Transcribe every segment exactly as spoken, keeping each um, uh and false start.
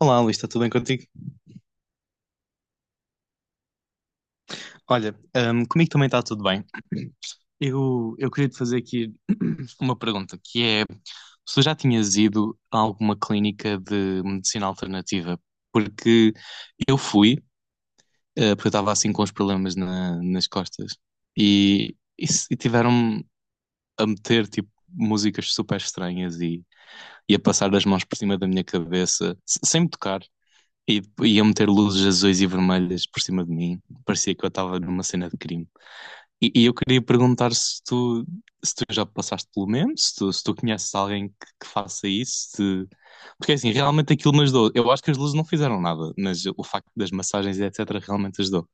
Olá, Luís, está tudo bem contigo? Olha, ahm, comigo também está tudo bem. Eu, eu queria te fazer aqui uma pergunta, que é se tu já tinhas ido a alguma clínica de medicina alternativa? Porque eu fui, eh, porque eu estava assim com os problemas na- nas costas e, e, se- e tiveram-me a meter tipo músicas super estranhas e, e a passar as mãos por cima da minha cabeça, se- sem me tocar. E iam meter luzes azuis e vermelhas por cima de mim. Parecia que eu estava numa cena de crime. E, e eu queria perguntar se tu, se tu já passaste pelo mesmo, se tu, se tu conheces alguém que, que faça isso. se- Porque assim, realmente aquilo me ajudou. Eu acho que as luzes não fizeram nada, mas o facto das massagens e etcétera realmente ajudou.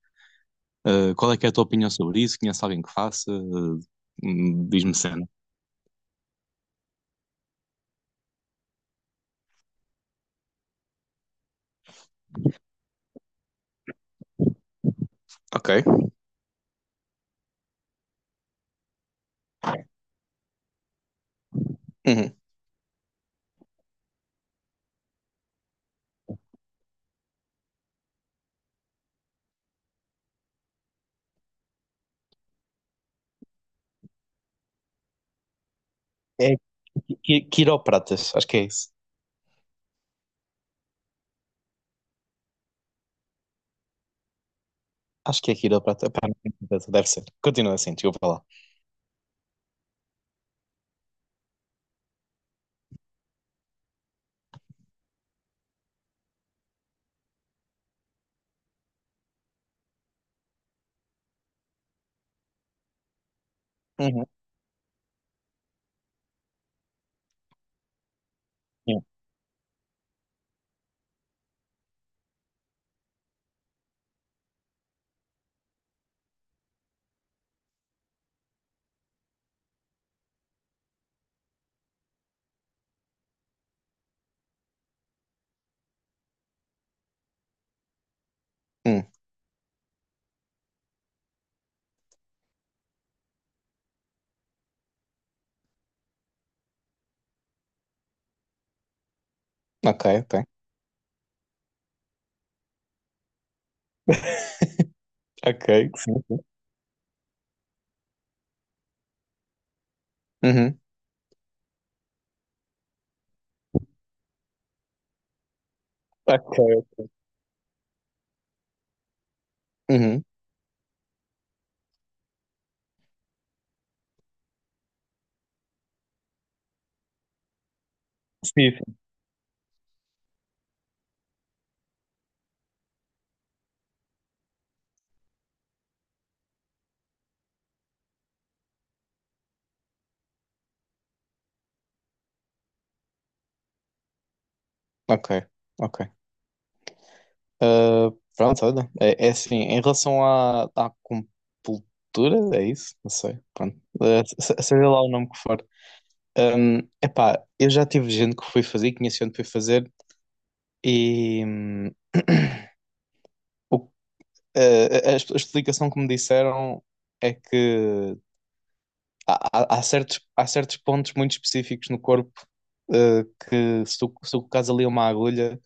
Ah, qual é que é a tua opinião sobre isso? Conheces alguém que faça? Ah, hum, diz-me cena. Ok. Uhum. É qui- qui- quiropratas, acho que é isso. Acho que é quiroprata. Pá, não tenho certeza, deve ser. Continua assim, desculpa lá. Hum, hum, ok, ok. Ok, sim. Uhum, ok. Uhum, sim, sim. Ok, ok. Ah, pronto, olha. É, é assim, em relação à, à compultura, é isso? Não sei, pronto. Ah, se- seja lá o nome que for. Hum, epá, eu já tive gente que foi fazer, conheci gente que foi fazer e hum, o- uh, a, a- a explicação que me disseram é que há, há- há certos, há certos pontos muito específicos no corpo, eh, que se tu, se tu colocares ali uma agulha,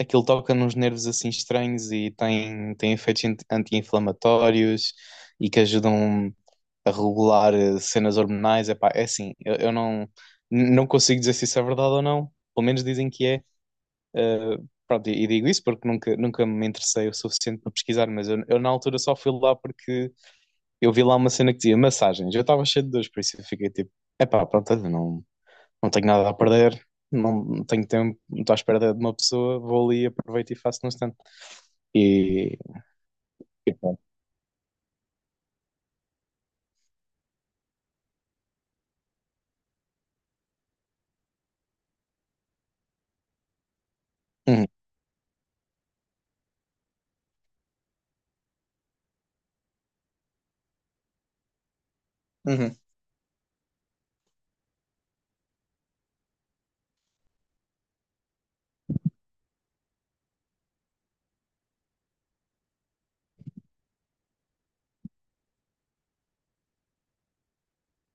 aquilo toca nos nervos assim estranhos e tem, tem efeitos anti- anti-inflamatórios e que ajudam a regular eh, cenas hormonais. Epá, é assim, eu, eu não, não consigo dizer se isso é verdade ou não, pelo menos dizem que é. Pronto, e e digo isso porque nunca, nunca me interessei o suficiente para pesquisar, mas eu, eu na altura só fui lá porque eu vi lá uma cena que dizia massagens. Eu estava cheio de dores, por isso eu fiquei tipo, epá, pronto, olha, não, não tenho nada a perder, não não tenho tempo, não estou à espera de uma pessoa, vou ali, aproveito e faço no stand. E, e pronto. Uhum, uhum,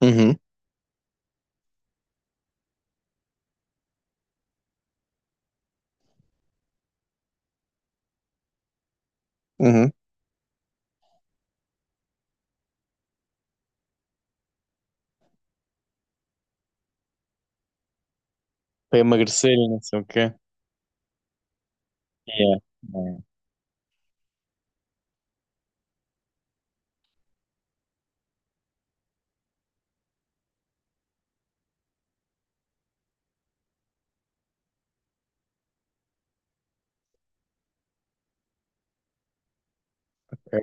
uhum, uhum. Para emagrecer e não sei o quê. Yeah. Yeah. Ok.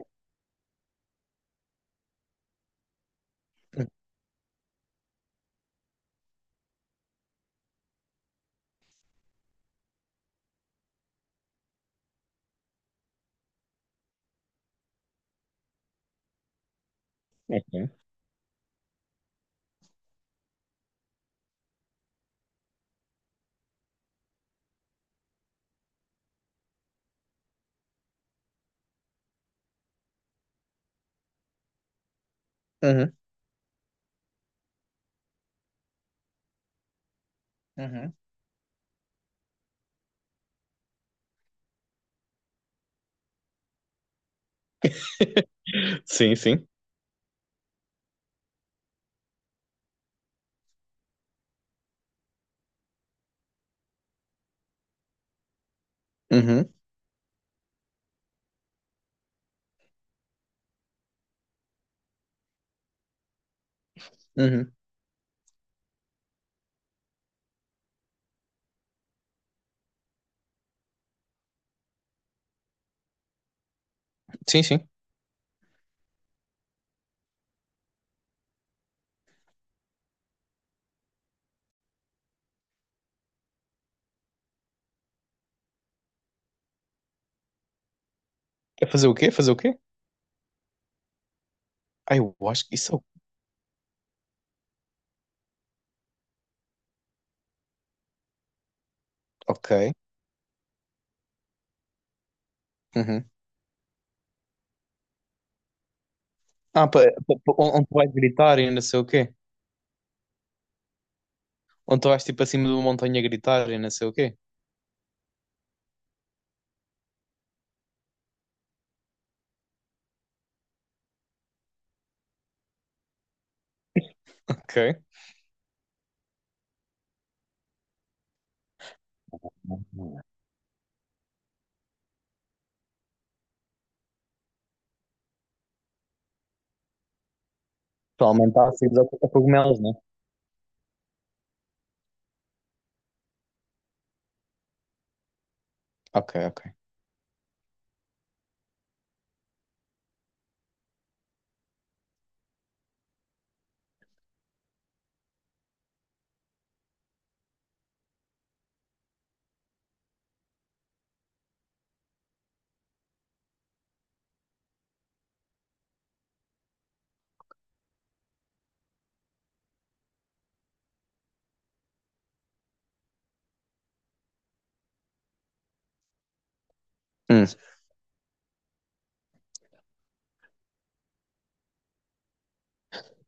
Sim, sim. Uhum, uhum. Sim, sim. É fazer o quê? Fazer o quê? Ah, eu acho que isso. é o- Ok. Uhum. Ah, pa, pa- pa- on- Onde tu vais gritar e não sei o quê? Onde tu vais tipo acima de uma montanha a gritar e não sei o quê? Ok. Para aumentar assim os cogumelos, né? Ok, ok. Hum.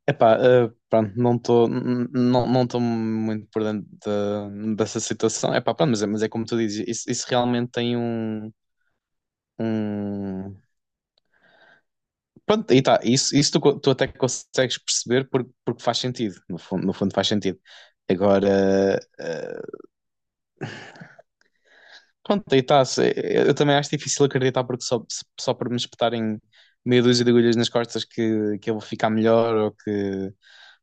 Epá, eh, pronto, não estou não não estou muito por dentro da- dessa situação. Epá, pronto, mas é, mas é como tu dizes, isso, isso realmente tem um, um... Pronto, e tá, isso, isso tu, co- tu até consegues perceber porque, porque faz sentido, no fundo, no fundo faz sentido. Agora, eh, pronto, aí tá, se- eu, eu também acho difícil acreditar porque só, se- só por me espetarem meia dúzia de agulhas nas costas que, que eu vou ficar melhor ou que,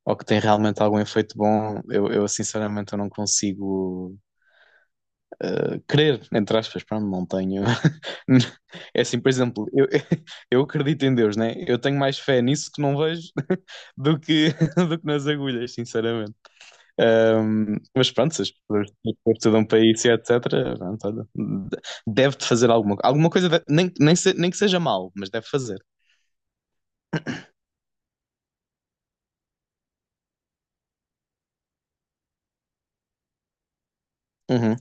ou que tem realmente algum efeito bom, eu, eu sinceramente eu não consigo crer, entre aspas, pá, não tenho. É assim, por exemplo, eu, eu acredito em Deus, né? Eu tenho mais fé nisso que não vejo do que, do que nas agulhas, sinceramente. Ahm, mas pronto, se as pessoas as pessoas estudam para isso e etcétera, pronto, olha, de- deve-te fazer alguma, alguma coisa, deve- nem, nem, se- nem que seja mal, mas deve fazer. Uhum,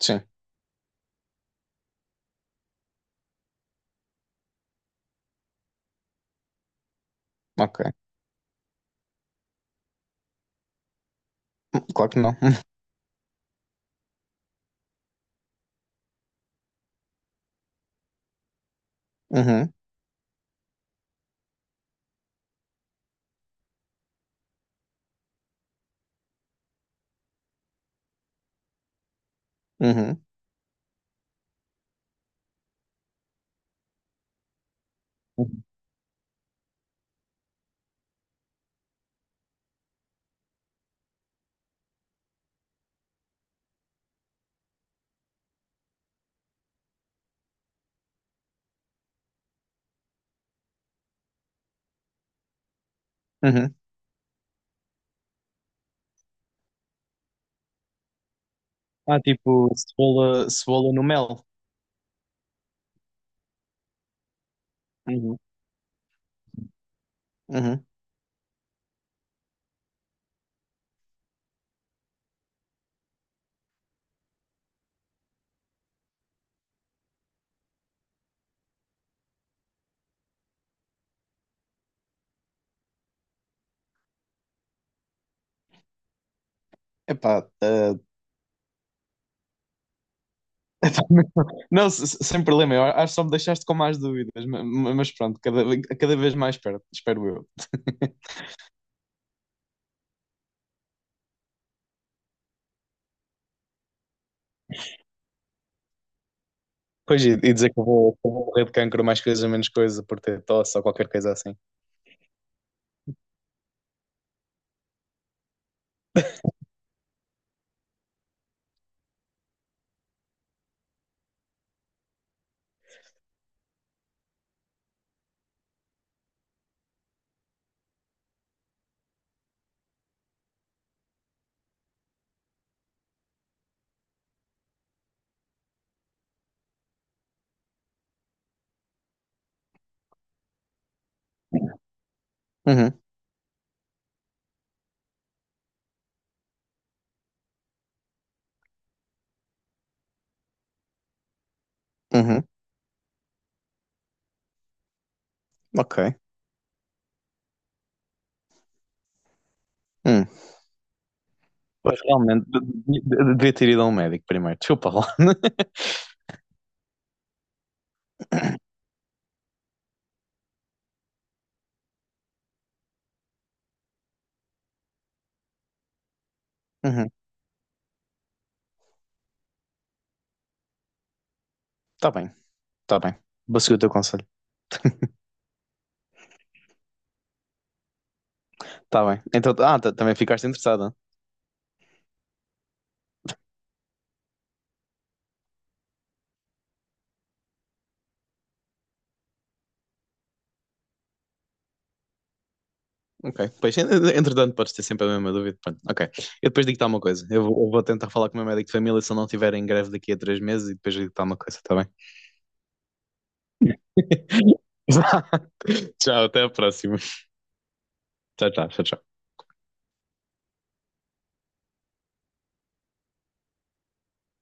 sim, ok. Claro que não. Uhum, uhum, uhum. Ah, tipo, cebola, cebola no mel. Uhum, uhum. Epá, ah, Epá, não, se- se- sem problema, eu acho que só me deixaste com mais dúvidas, ma- ma- mas pronto, cada, cada vez mais perto, espero eu. Pois, e, e dizer que eu vou, que eu vou morrer de cancro mais coisa menos coisa por ter tosse ou qualquer coisa assim. Uhum, uhum, ok. Hum. Pois realmente, de- de- de- devia ter ido a um médico primeiro. Desculpa lá. Uhum, tá bem, tá bem. Vou seguir o teu conselho. Tá bem. Então, ah, ta- também ficaste interessada. Ok, pois, en- entretanto, podes ter sempre a mesma dúvida. Pronto, ok. Eu depois digo-te alguma coisa. Eu vou, eu vou tentar falar com o meu médico de família se ele não estiver em greve daqui a três meses e depois digo-te alguma coisa, está bem? Tchau, até a próxima. Tchau, tchau, tchau, tchau.